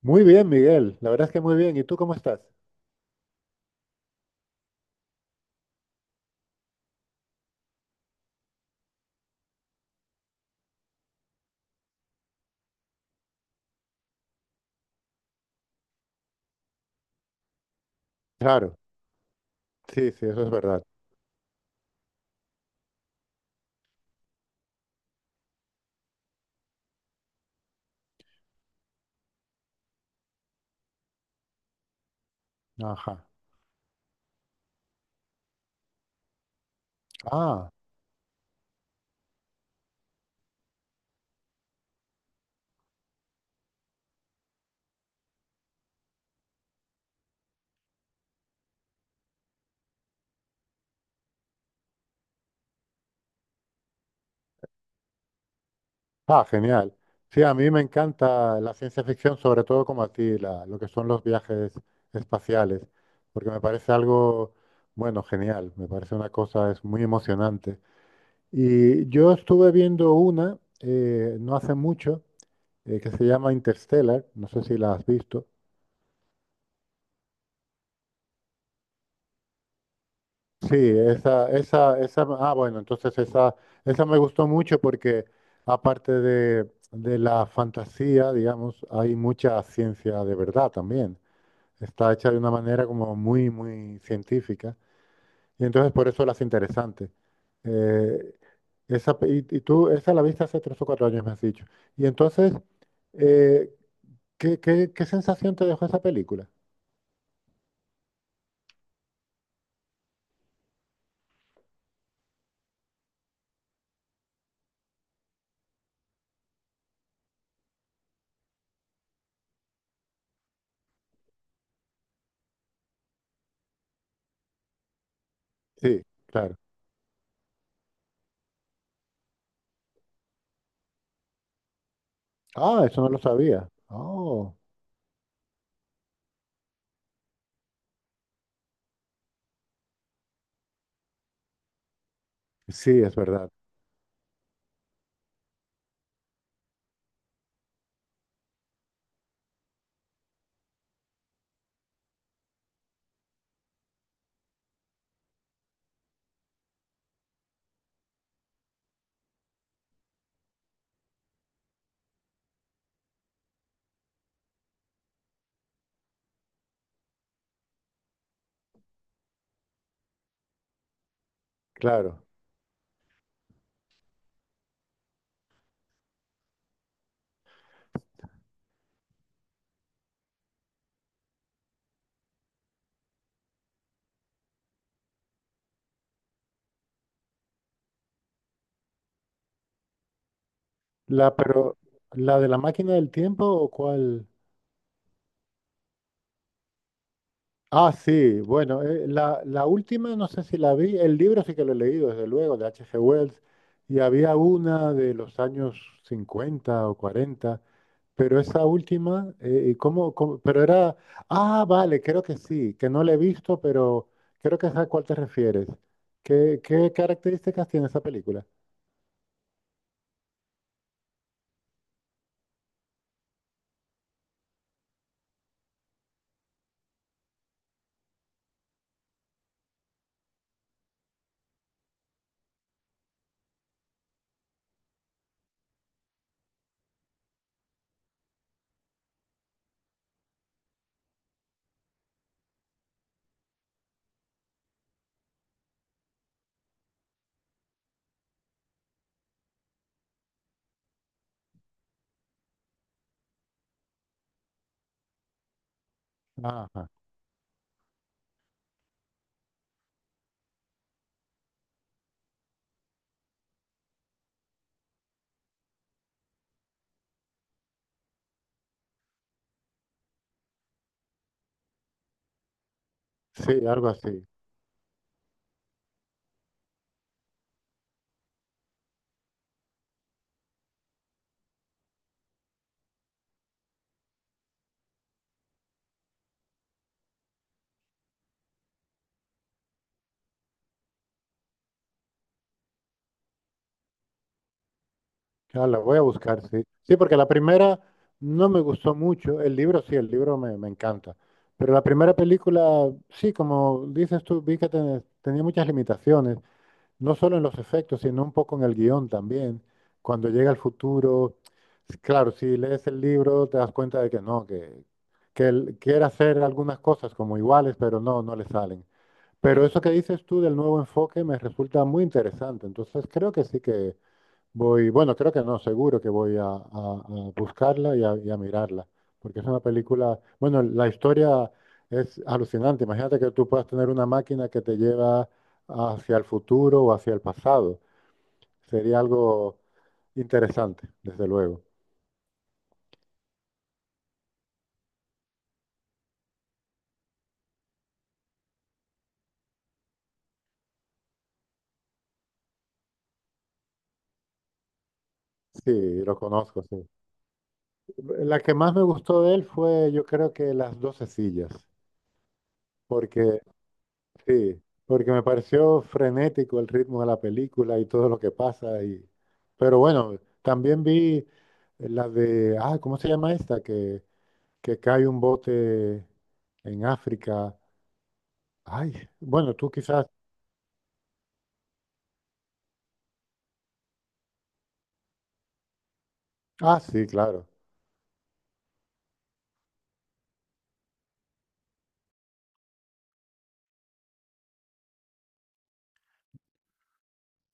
Muy bien, Miguel. La verdad es que muy bien. ¿Y tú cómo estás? Claro, sí, sí, eso es verdad. Ajá. Ah, ah, genial. Sí, a mí me encanta la ciencia ficción, sobre todo como a ti, lo que son los viajes espaciales, porque me parece algo, bueno, genial. Me parece una cosa, es muy emocionante. Y yo estuve viendo una no hace mucho que se llama Interstellar. No sé si la has visto. Sí, esa, ah, bueno, entonces esa me gustó mucho porque aparte de la fantasía, digamos, hay mucha ciencia de verdad también. Está hecha de una manera como muy científica y entonces por eso las hace interesante. Eh, esa, y tú, esa la viste hace tres o cuatro años, me has dicho. Y entonces, eh, ¿qué, qué sensación te dejó esa película? Sí, claro. Ah, eso no lo sabía. Oh, sí, es verdad, claro. La, pero, ¿la de la máquina del tiempo o cuál? Ah, sí, bueno, la última no sé si la vi, el libro sí que lo he leído, desde luego, de H G Wells, y había una de los años 50 o cuarenta. Pero esa última, ¿y ¿cómo, cómo? Pero era, ah, vale, creo que sí, que no la he visto, pero creo que es a cuál te refieres. Qué características tiene esa película? Ajá, sí, algo así. Ah, la voy a buscar, sí. Sí, porque la primera no me gustó mucho. El libro, sí, el libro me encanta. Pero la primera película, sí, como dices tú, vi que tenía muchas limitaciones, no solo en los efectos, sino un poco en el guión también. Cuando llega el futuro, claro, si lees el libro te das cuenta de que no, que él quiere hacer algunas cosas como iguales, pero no, no le salen. Pero eso que dices tú del nuevo enfoque me resulta muy interesante. Entonces creo que sí. Voy, bueno, creo que no, seguro que a buscarla y a mirarla, porque es una película, bueno, la historia es alucinante. Imagínate que tú puedas tener una máquina que te lleva hacia el futuro o hacia el pasado. Sería algo interesante, desde luego. Sí, lo conozco, sí. La que más me gustó de él fue, yo creo que Las 12 sillas, porque sí, porque me pareció frenético el ritmo de la película y todo lo que pasa. Y... Pero bueno, también vi la de, ah, ¿cómo se llama esta? Que cae un bote en África. Ay, bueno, tú quizás. Ah, sí, claro.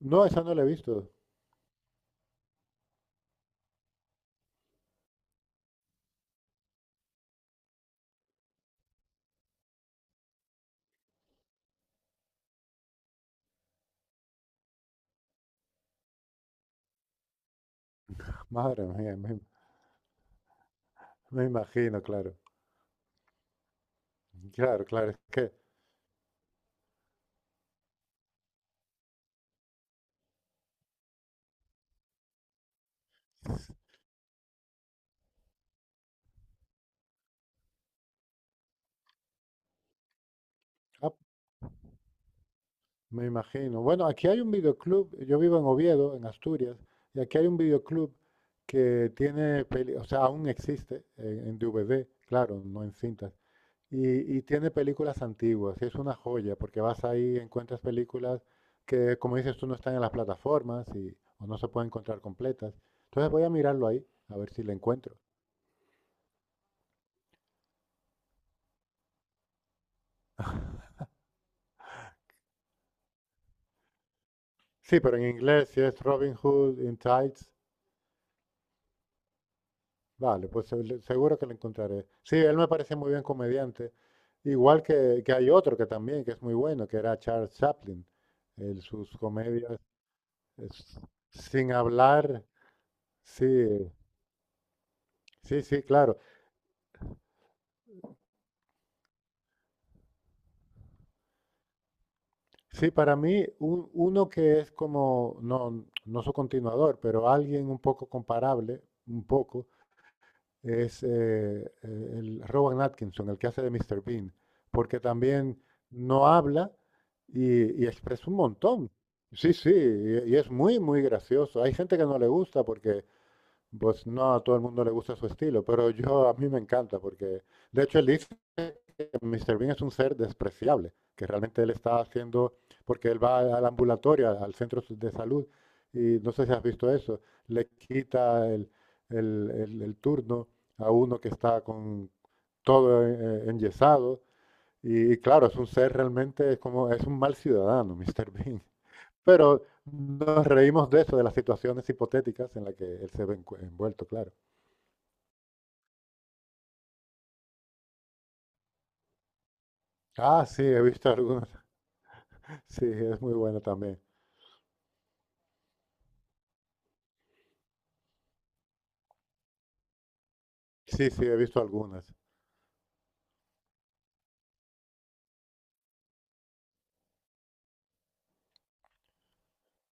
No, esa no la he visto. Madre mía, me imagino, claro. Claro, claro. Es que, ah, me imagino. Bueno, aquí hay un videoclub, yo vivo en Oviedo, en Asturias, y aquí hay un videoclub que tiene, o sea, aún existe en DVD, claro, no en cintas, y tiene películas antiguas, y es una joya, porque vas ahí, encuentras películas que, como dices tú, no están en las plataformas y, o no se pueden encontrar completas. Entonces voy a mirarlo ahí, a ver si la encuentro. Sí, pero en inglés, si es Robin Hood in Tights, vale, pues seguro que lo encontraré. Sí, él me parece muy bien comediante. Igual que hay otro que también, que es muy bueno, que era Charles Chaplin. Él, sus comedias, es- sin hablar, sí, sí, sí, claro. Sí, para mí, uno que es como, no, no su continuador, pero alguien un poco comparable, un poco, es el Rowan Atkinson, el que hace de Mr. Bean, porque también no habla y expresa un montón. Sí, sí, y es muy gracioso. Hay gente que no le gusta porque pues no a todo el mundo le gusta su estilo, pero yo a mí me encanta porque, de hecho, él dice que Mr. Bean es un ser despreciable, que realmente él está haciendo, porque él va al ambulatorio, al al centro de salud, y no sé si has visto eso, le quita el turno a uno que está con todo enyesado, y claro, es un ser realmente, es como, es un mal ciudadano, Mr. Bean. Pero nos reímos de eso, de las situaciones hipotéticas en las que él se ve envuelto, claro. Ah, sí, he visto algunas. Sí, es muy buena también. Sí, sí, he visto algunas.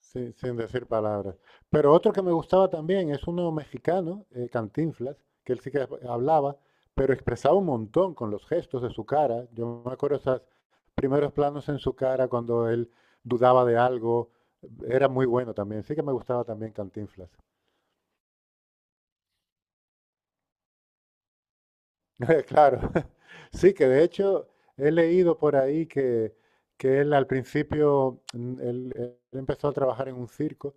Sí, sin decir palabras. Pero otro que me gustaba también es uno mexicano, Cantinflas, que él sí que hablaba, pero expresaba un montón con los gestos de su cara. Yo me acuerdo esos primeros planos en su cara cuando él dudaba de algo. Era muy bueno también. Sí que me gustaba también Cantinflas. Claro, sí, que de hecho he leído por ahí que él al principio, él empezó a trabajar en un circo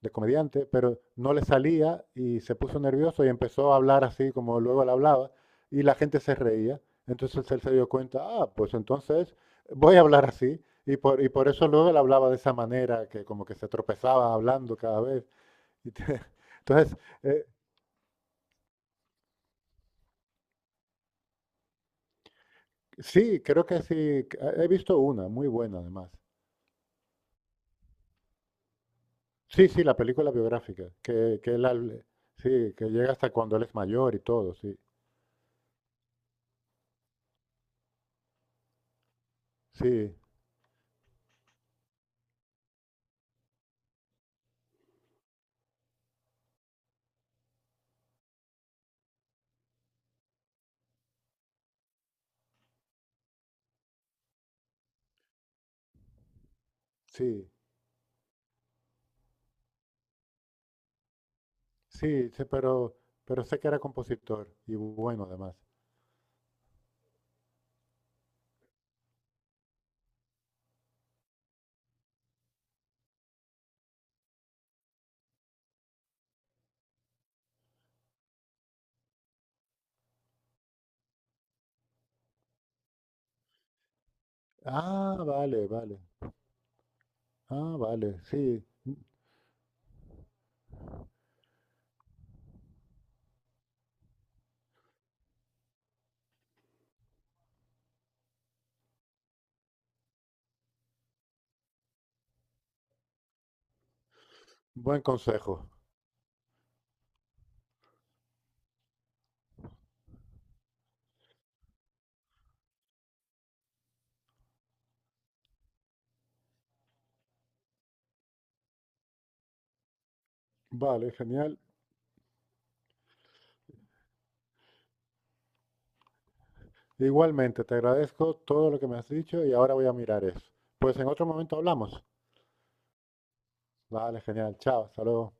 de comediante, pero no le salía y se puso nervioso y empezó a hablar así como luego él hablaba y la gente se reía. Entonces él se dio cuenta, ah, pues entonces voy a hablar así. Y y por eso luego él hablaba de esa manera, que como que se tropezaba hablando cada vez. y te- entonces, eh, sí, creo que sí, he visto una, muy buena además. Sí, sí, la película biográfica, que él, sí, que llega hasta cuando él es mayor y todo, sí, sí, sí, sí, pero sé que era compositor y bueno además. Ah, vale, ah, vale, sí, buen consejo, vale, genial. Igualmente, te agradezco todo lo que me has dicho y ahora voy a mirar eso. Pues en otro momento hablamos. Vale, genial, chao, hasta luego.